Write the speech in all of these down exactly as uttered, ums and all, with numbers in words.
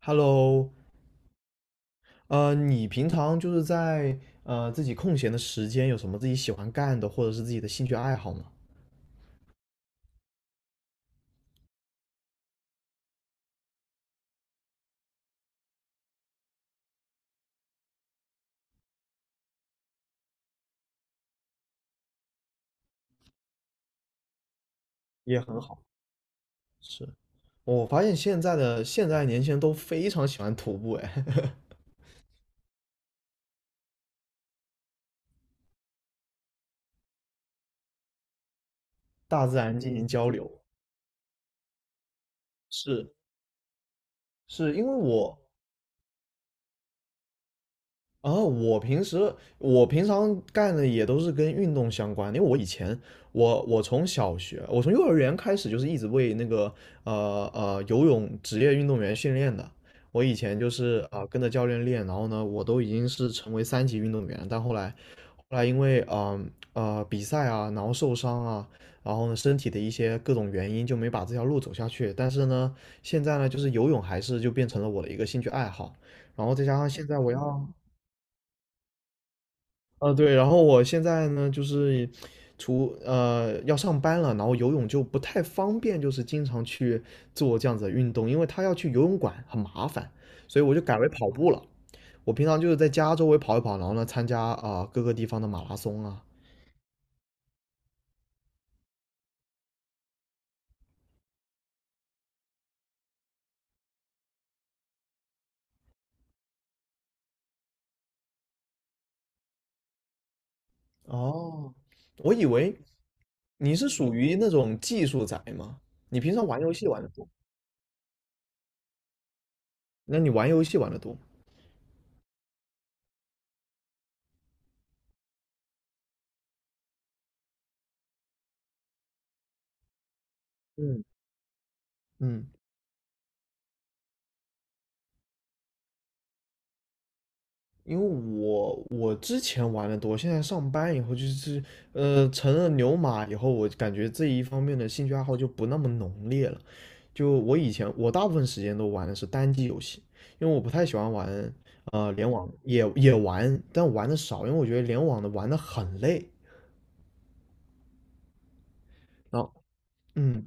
Hello，呃，你平常就是在呃自己空闲的时间有什么自己喜欢干的，或者是自己的兴趣爱好吗？也很好。是，我发现现在的现在年轻人都非常喜欢徒步，哎，大自然进行交流。是，是因为我哦，我平时我平常干的也都是跟运动相关的因为我以前我我从小学我从幼儿园开始就是一直为那个呃呃游泳职业运动员训练的。我以前就是啊、呃跟着教练练，然后呢我都已经是成为三级运动员，但后来后来因为嗯呃呃比赛啊，然后受伤啊，然后呢身体的一些各种原因就没把这条路走下去。但是呢现在呢就是游泳还是就变成了我的一个兴趣爱好，然后再加上现在我要。呃，对，然后我现在呢，就是除呃要上班了，然后游泳就不太方便，就是经常去做这样子的运动，因为他要去游泳馆很麻烦，所以我就改为跑步了。我平常就是在家周围跑一跑，然后呢参加啊、呃各个地方的马拉松啊。哦，我以为你是属于那种技术宅吗？你平常玩游戏玩的多？那你玩游戏玩的多吗嗯嗯。因为我我之前玩的多，现在上班以后就是呃成了牛马以后，我感觉这一方面的兴趣爱好就不那么浓烈了。就我以前我大部分时间都玩的是单机游戏，因为我不太喜欢玩呃联网，也也玩，但玩的少，因为我觉得联网的玩的很累。然后嗯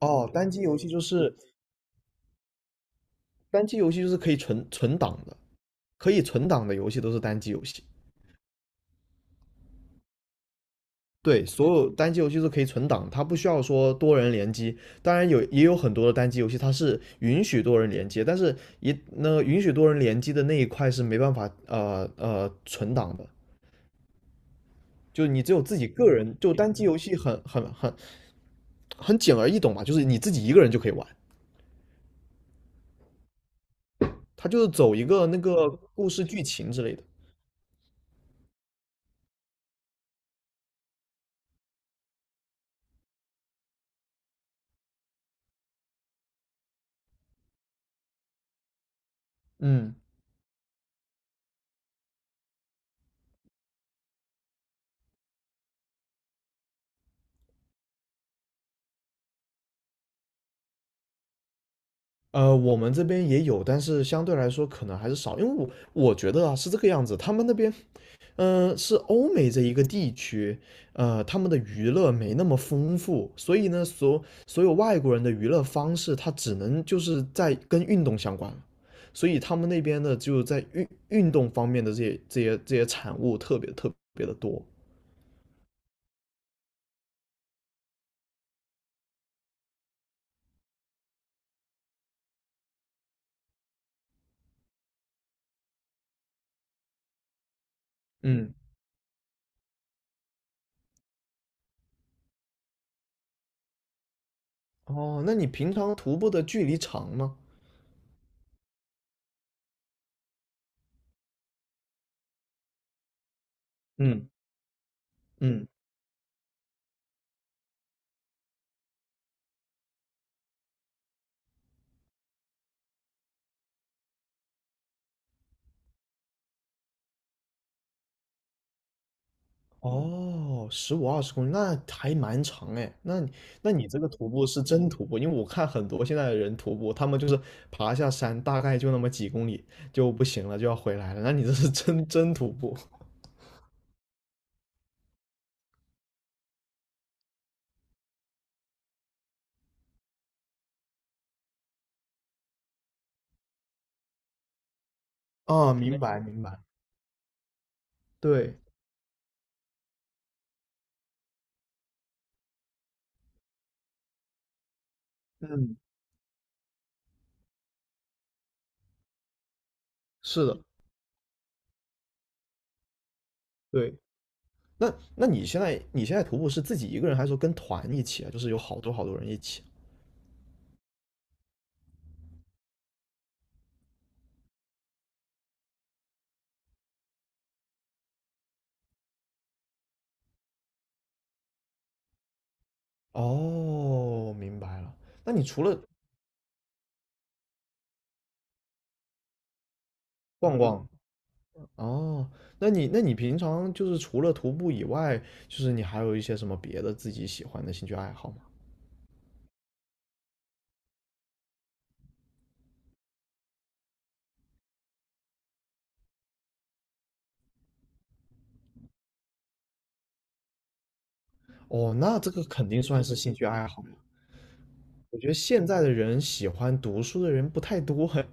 哦，单机游戏就是单机游戏就是可以存存档的，可以存档的游戏都是单机游戏。对，所有单机游戏都可以存档，它不需要说多人联机。当然有也有很多的单机游戏它是允许多人联机，但是一那允许多人联机的那一块是没办法呃呃存档的，就是你只有自己个人，就单机游戏很很很很简而易懂嘛，就是你自己一个人就可以玩，它就是走一个那个故事剧情之类的。嗯，呃，我们这边也有，但是相对来说可能还是少，因为我我觉得啊是这个样子，他们那边，嗯、是欧美这一个地区，呃，他们的娱乐没那么丰富，所以呢，所所有外国人的娱乐方式，他只能就是在跟运动相关了，所以他们那边的就在运运动方面的这些这些这些产物特别特别的多。嗯，哦，那你平常徒步的距离长吗？嗯嗯。哦，十五二十公里，那还蛮长哎。那你那你这个徒步是真徒步，因为我看很多现在的人徒步，他们就是爬下山，大概就那么几公里就不行了，就要回来了。那你这是真真徒步啊？明白明白，对，嗯，是的，对。那那你现在你现在徒步是自己一个人，还是说跟团一起啊？就是有好多好多人一起啊。哦，明白了。那你除了逛逛，哦，那你那你平常就是除了徒步以外，就是你还有一些什么别的自己喜欢的兴趣爱好吗？哦，那这个肯定算是兴趣爱好呀。我觉得现在的人喜欢读书的人不太多嘿。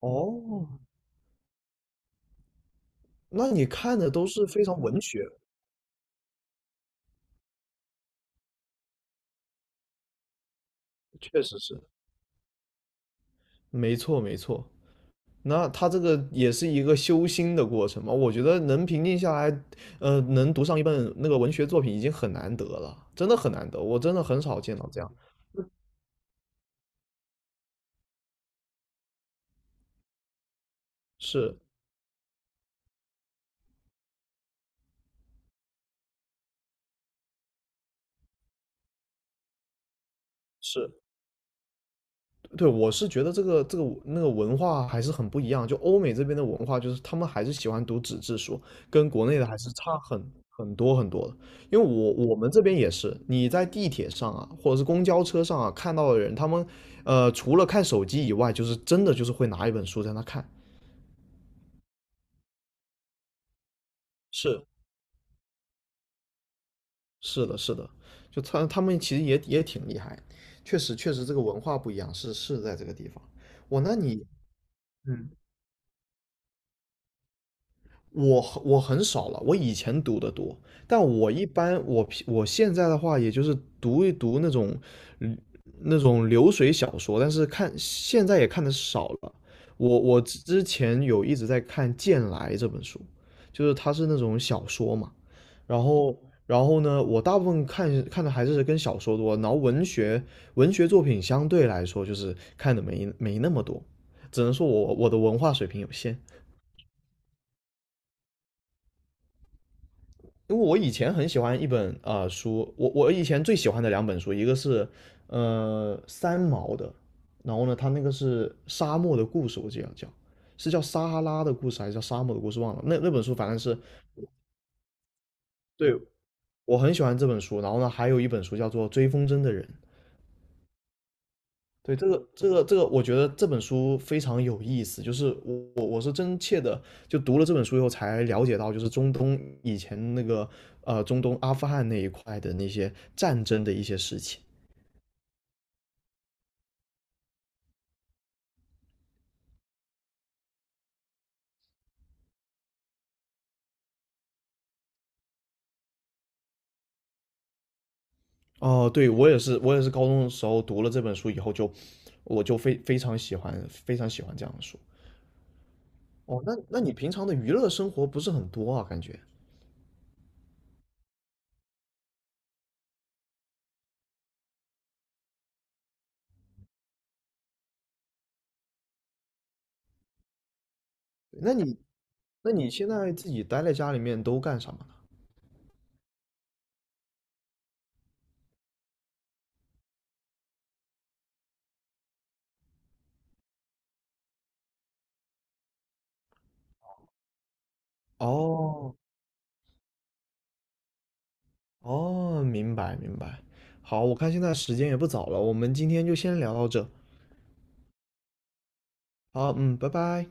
哦，那你看的都是非常文学，确实是。没错没错，那他这个也是一个修心的过程嘛。我觉得能平静下来，呃，能读上一本那个文学作品已经很难得了，真的很难得，我真的很少见到这样。是是。对，我是觉得这个这个那个文化还是很不一样。就欧美这边的文化，就是他们还是喜欢读纸质书，跟国内的还是差很很多很多的。因为我我们这边也是，你在地铁上啊，或者是公交车上啊，看到的人，他们呃除了看手机以外，就是真的就是会拿一本书在那看。是是的，是的，就他他们其实也也挺厉害，确实确实这个文化不一样，是是在这个地方。我那你。嗯。我我很少了，我以前读的多，但我一般我我现在的话，也就是读一读那种嗯那种流水小说，但是看现在也看的少了。我我之前有一直在看《剑来》这本书，就是它是那种小说嘛，然后然后呢，我大部分看看的还是跟小说多，然后文学文学作品相对来说就是看的没没那么多，只能说我我的文化水平有限。因为我以前很喜欢一本啊、呃书，我我以前最喜欢的两本书，一个是呃三毛的，然后呢，他那个是《沙漠的故事》，我记得叫是叫《撒哈拉的故事》还是叫《沙漠的故事》忘了。那那本书反正是对我很喜欢这本书，然后呢，还有一本书叫做《追风筝的人》，对，这个这个这个，我觉得这本书非常有意思。就是我我我是真切的，就读了这本书以后才了解到，就是中东以前那个呃中东阿富汗那一块的那些战争的一些事情。哦，对，我也是，我也是高中的时候读了这本书以后就，我就非非常喜欢，非常喜欢这样的书。哦，那那你平常的娱乐生活不是很多啊？感觉？那你那你现在自己待在家里面都干什么呢？哦哦，明白明白。好，我看现在时间也不早了，我们今天就先聊到这。好，嗯，拜拜。